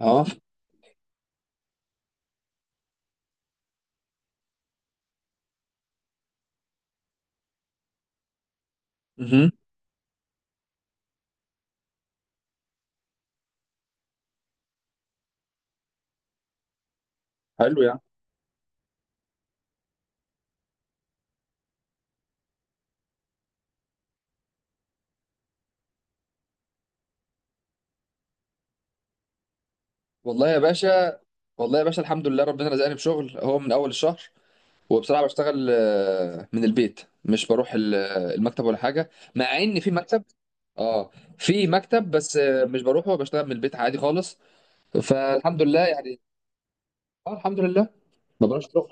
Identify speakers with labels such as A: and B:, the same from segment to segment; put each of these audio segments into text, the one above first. A: اه. مهم. حلو يعني. والله يا باشا، والله يا باشا الحمد لله، ربنا رزقني بشغل اهو من اول الشهر. وبصراحه بشتغل من البيت، مش بروح المكتب ولا حاجه، مع ان في مكتب. اه في مكتب، بس مش بروحه، بشتغل من البيت عادي خالص. فالحمد لله يعني. اه، الحمد لله، ما بروحش شغل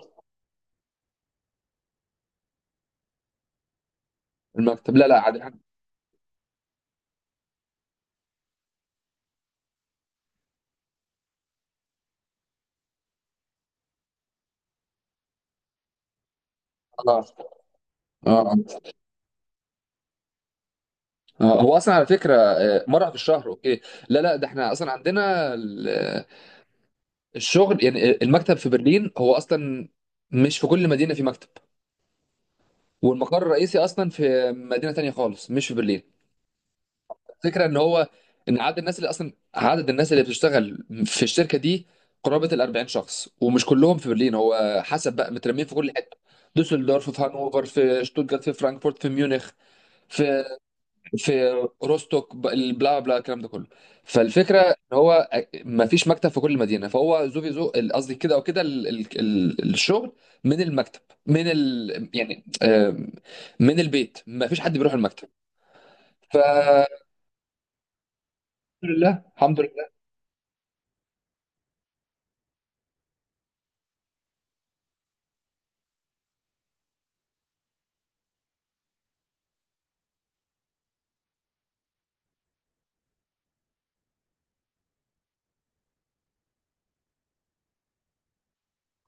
A: المكتب. لا لا، عادي الحمد لله. اه اه آه. هو اصلا على فكره مره في الشهر، اوكي. لا لا، ده احنا اصلا عندنا الشغل، يعني المكتب في برلين هو اصلا مش في كل مدينه في مكتب. والمقر الرئيسي اصلا في مدينه تانية خالص، مش في برلين. الفكره ان هو، ان عدد الناس اللي بتشتغل في الشركه دي قرابه ال 40 شخص، ومش كلهم في برلين، هو حسب بقى مترمين في كل حته: دوسلدورف، في هانوفر، في شتوتجارت، في فرانكفورت، في ميونخ، في في روستوك، البلا بلا الكلام ده كله. فالفكره ان هو ما فيش مكتب في كل مدينه، فهو زو في زو، قصدي كده او كده، الشغل من المكتب، من يعني من البيت، ما فيش حد بيروح المكتب. فالحمد لله، الحمد لله.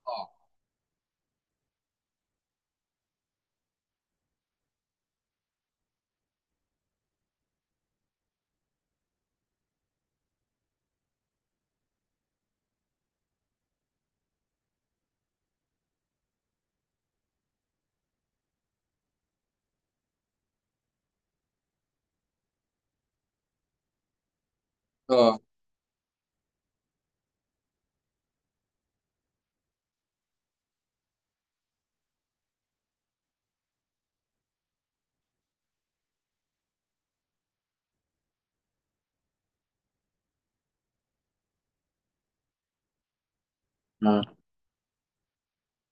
A: اه اه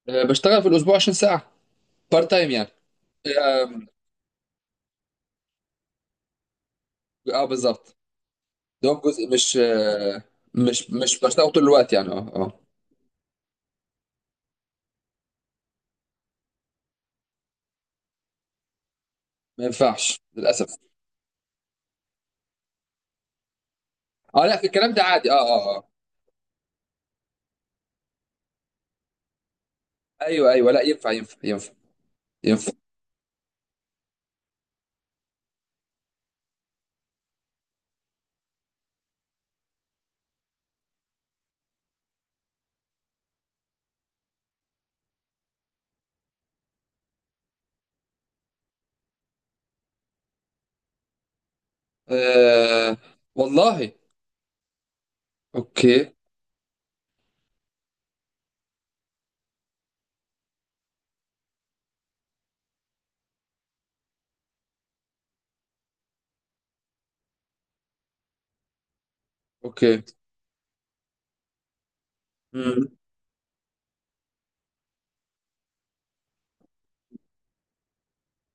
A: بشتغل في الاسبوع 20 ساعه، بارت تايم يعني. اه بالظبط، دوام جزء مش مش بشتغل طول الوقت يعني. اه اه، ما ينفعش للاسف. اه لا، في الكلام ده عادي. اه اه آه. ايوه ايوه، لا ينفع ينفع ينفع ينفع. أه والله. اوكي اوكي. امم،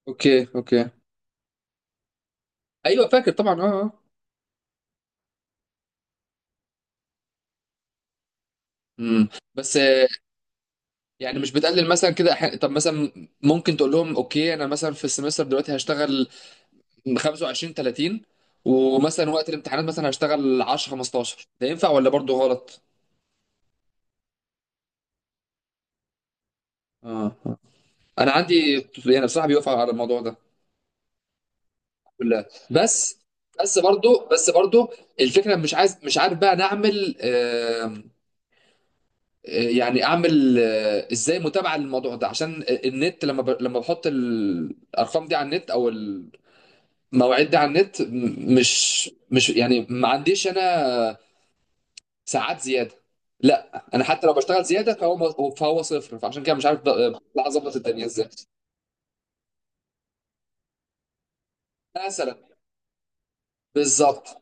A: اوكي اوكي. ايوه فاكر طبعا. اه اه. امم، بس يعني مش بتقلل مثلا كده طب مثلا ممكن تقول لهم اوكي، انا مثلا في السمستر دلوقتي هشتغل 25 30، ومثلا وقت الامتحانات مثلا هشتغل 10 15، ده ينفع ولا برضو غلط؟ اه آه. انا عندي، يعني بصراحه بيوافق على الموضوع ده كلها. بس برضو الفكره، مش عارف بقى نعمل يعني اعمل ازاي متابعه للموضوع ده، عشان النت لما لما بحط الارقام دي على النت، او المواعيد دي على النت، مش يعني ما عنديش انا ساعات زياده. لا، انا حتى لو بشتغل زياده فهو صفر، فعشان كده مش عارف بقى اظبط الدنيا ازاي، مثلا. بالظبط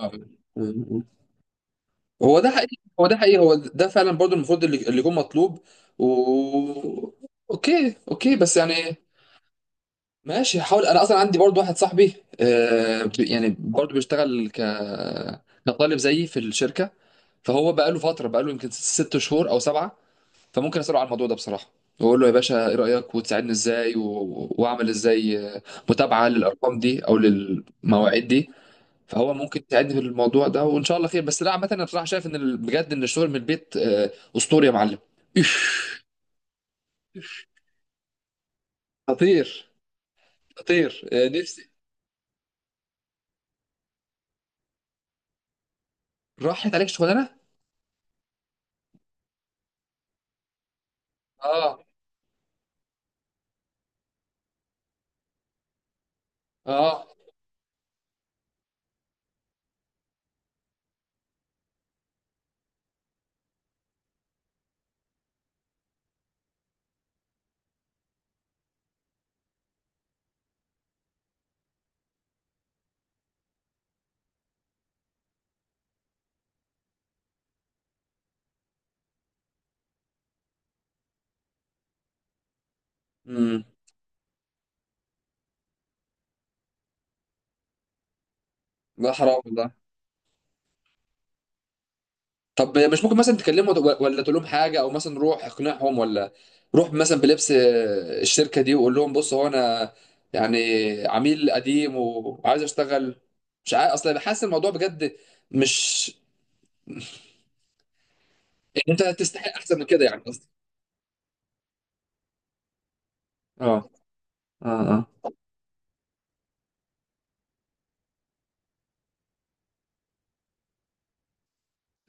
A: آه. هو ده حقيقي، هو ده حقيقي، هو ده فعلا برضو المفروض اللي يكون مطلوب. و... اوكي اوكي، بس يعني ماشي، هحاول. انا اصلا عندي برضو واحد صاحبي يعني برضو بيشتغل كطالب زيي في الشركة، فهو بقى له يمكن 6 شهور او 7. فممكن اساله على الموضوع ده بصراحة، واقول له يا باشا ايه رأيك وتساعدني ازاي واعمل ازاي متابعة للارقام دي او للمواعيد دي. فهو ممكن تعدي بالموضوع ده وان شاء الله خير. بس لا، عامه انا بصراحه شايف ان بجد ان الشغل من البيت اسطوري يا معلم. إيش. خطير. خطير نفسي. راحت عليك شغلانه. اه اه. امم ده حرام والله. طب مش ممكن مثلا تكلمه ولا تقول لهم حاجه، او مثلا روح اقنعهم، ولا روح مثلا بلبس الشركه دي وقول لهم بص، هو انا يعني عميل قديم وعايز اشتغل، مش عارف. اصلا بحس الموضوع بجد، مش ان انت تستحق احسن من كده يعني قصدي. اه اه اه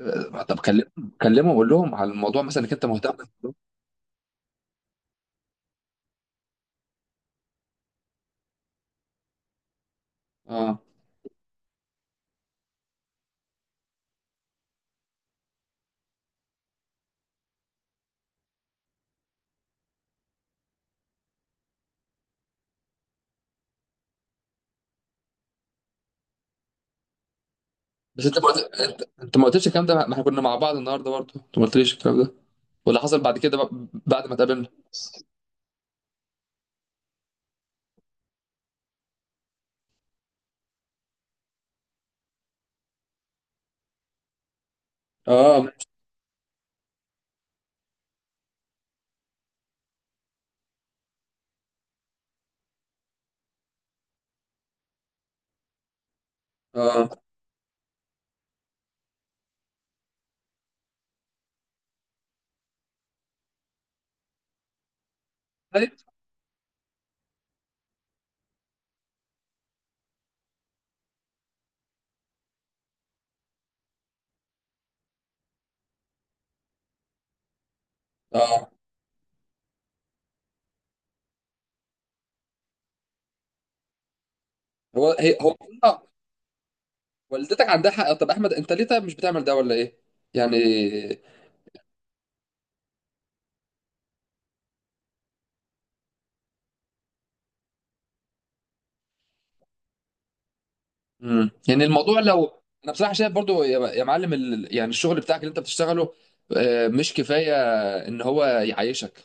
A: طب كلمهم، قول لهم على الموضوع، مثلا انك انت مهتم بالموضوع. اه، بس انت ما قلتش الكلام ده، ما احنا كنا مع بعض النهارده برضه، انت ما قلتليش الكلام ده ولا حصل بعد كده بقى، بعد ما اتقابلنا؟ اه اه. طيب. اه. هو هي هو آه، والدتك عندها حق، طب احمد انت ليه طيب مش بتعمل ده ولا ايه يعني؟ يعني الموضوع، لو انا بصراحه شايف برضو يا معلم، يعني الشغل بتاعك اللي انت بتشتغله مش كفايه ان هو يعيشك،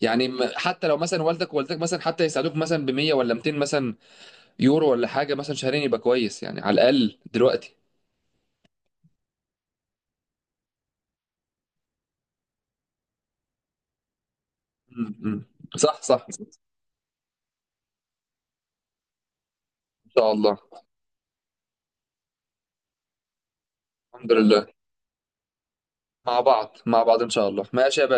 A: يعني حتى لو مثلا والدك ووالدتك مثلا حتى يساعدوك مثلا ب 100 ولا 200 مثلا يورو ولا حاجه مثلا شهرين، يبقى كويس يعني على الاقل دلوقتي. امم، صح صح، ان شاء الله، الحمد لله. مع بعض مع بعض ان شاء الله. ماشي يا باشا.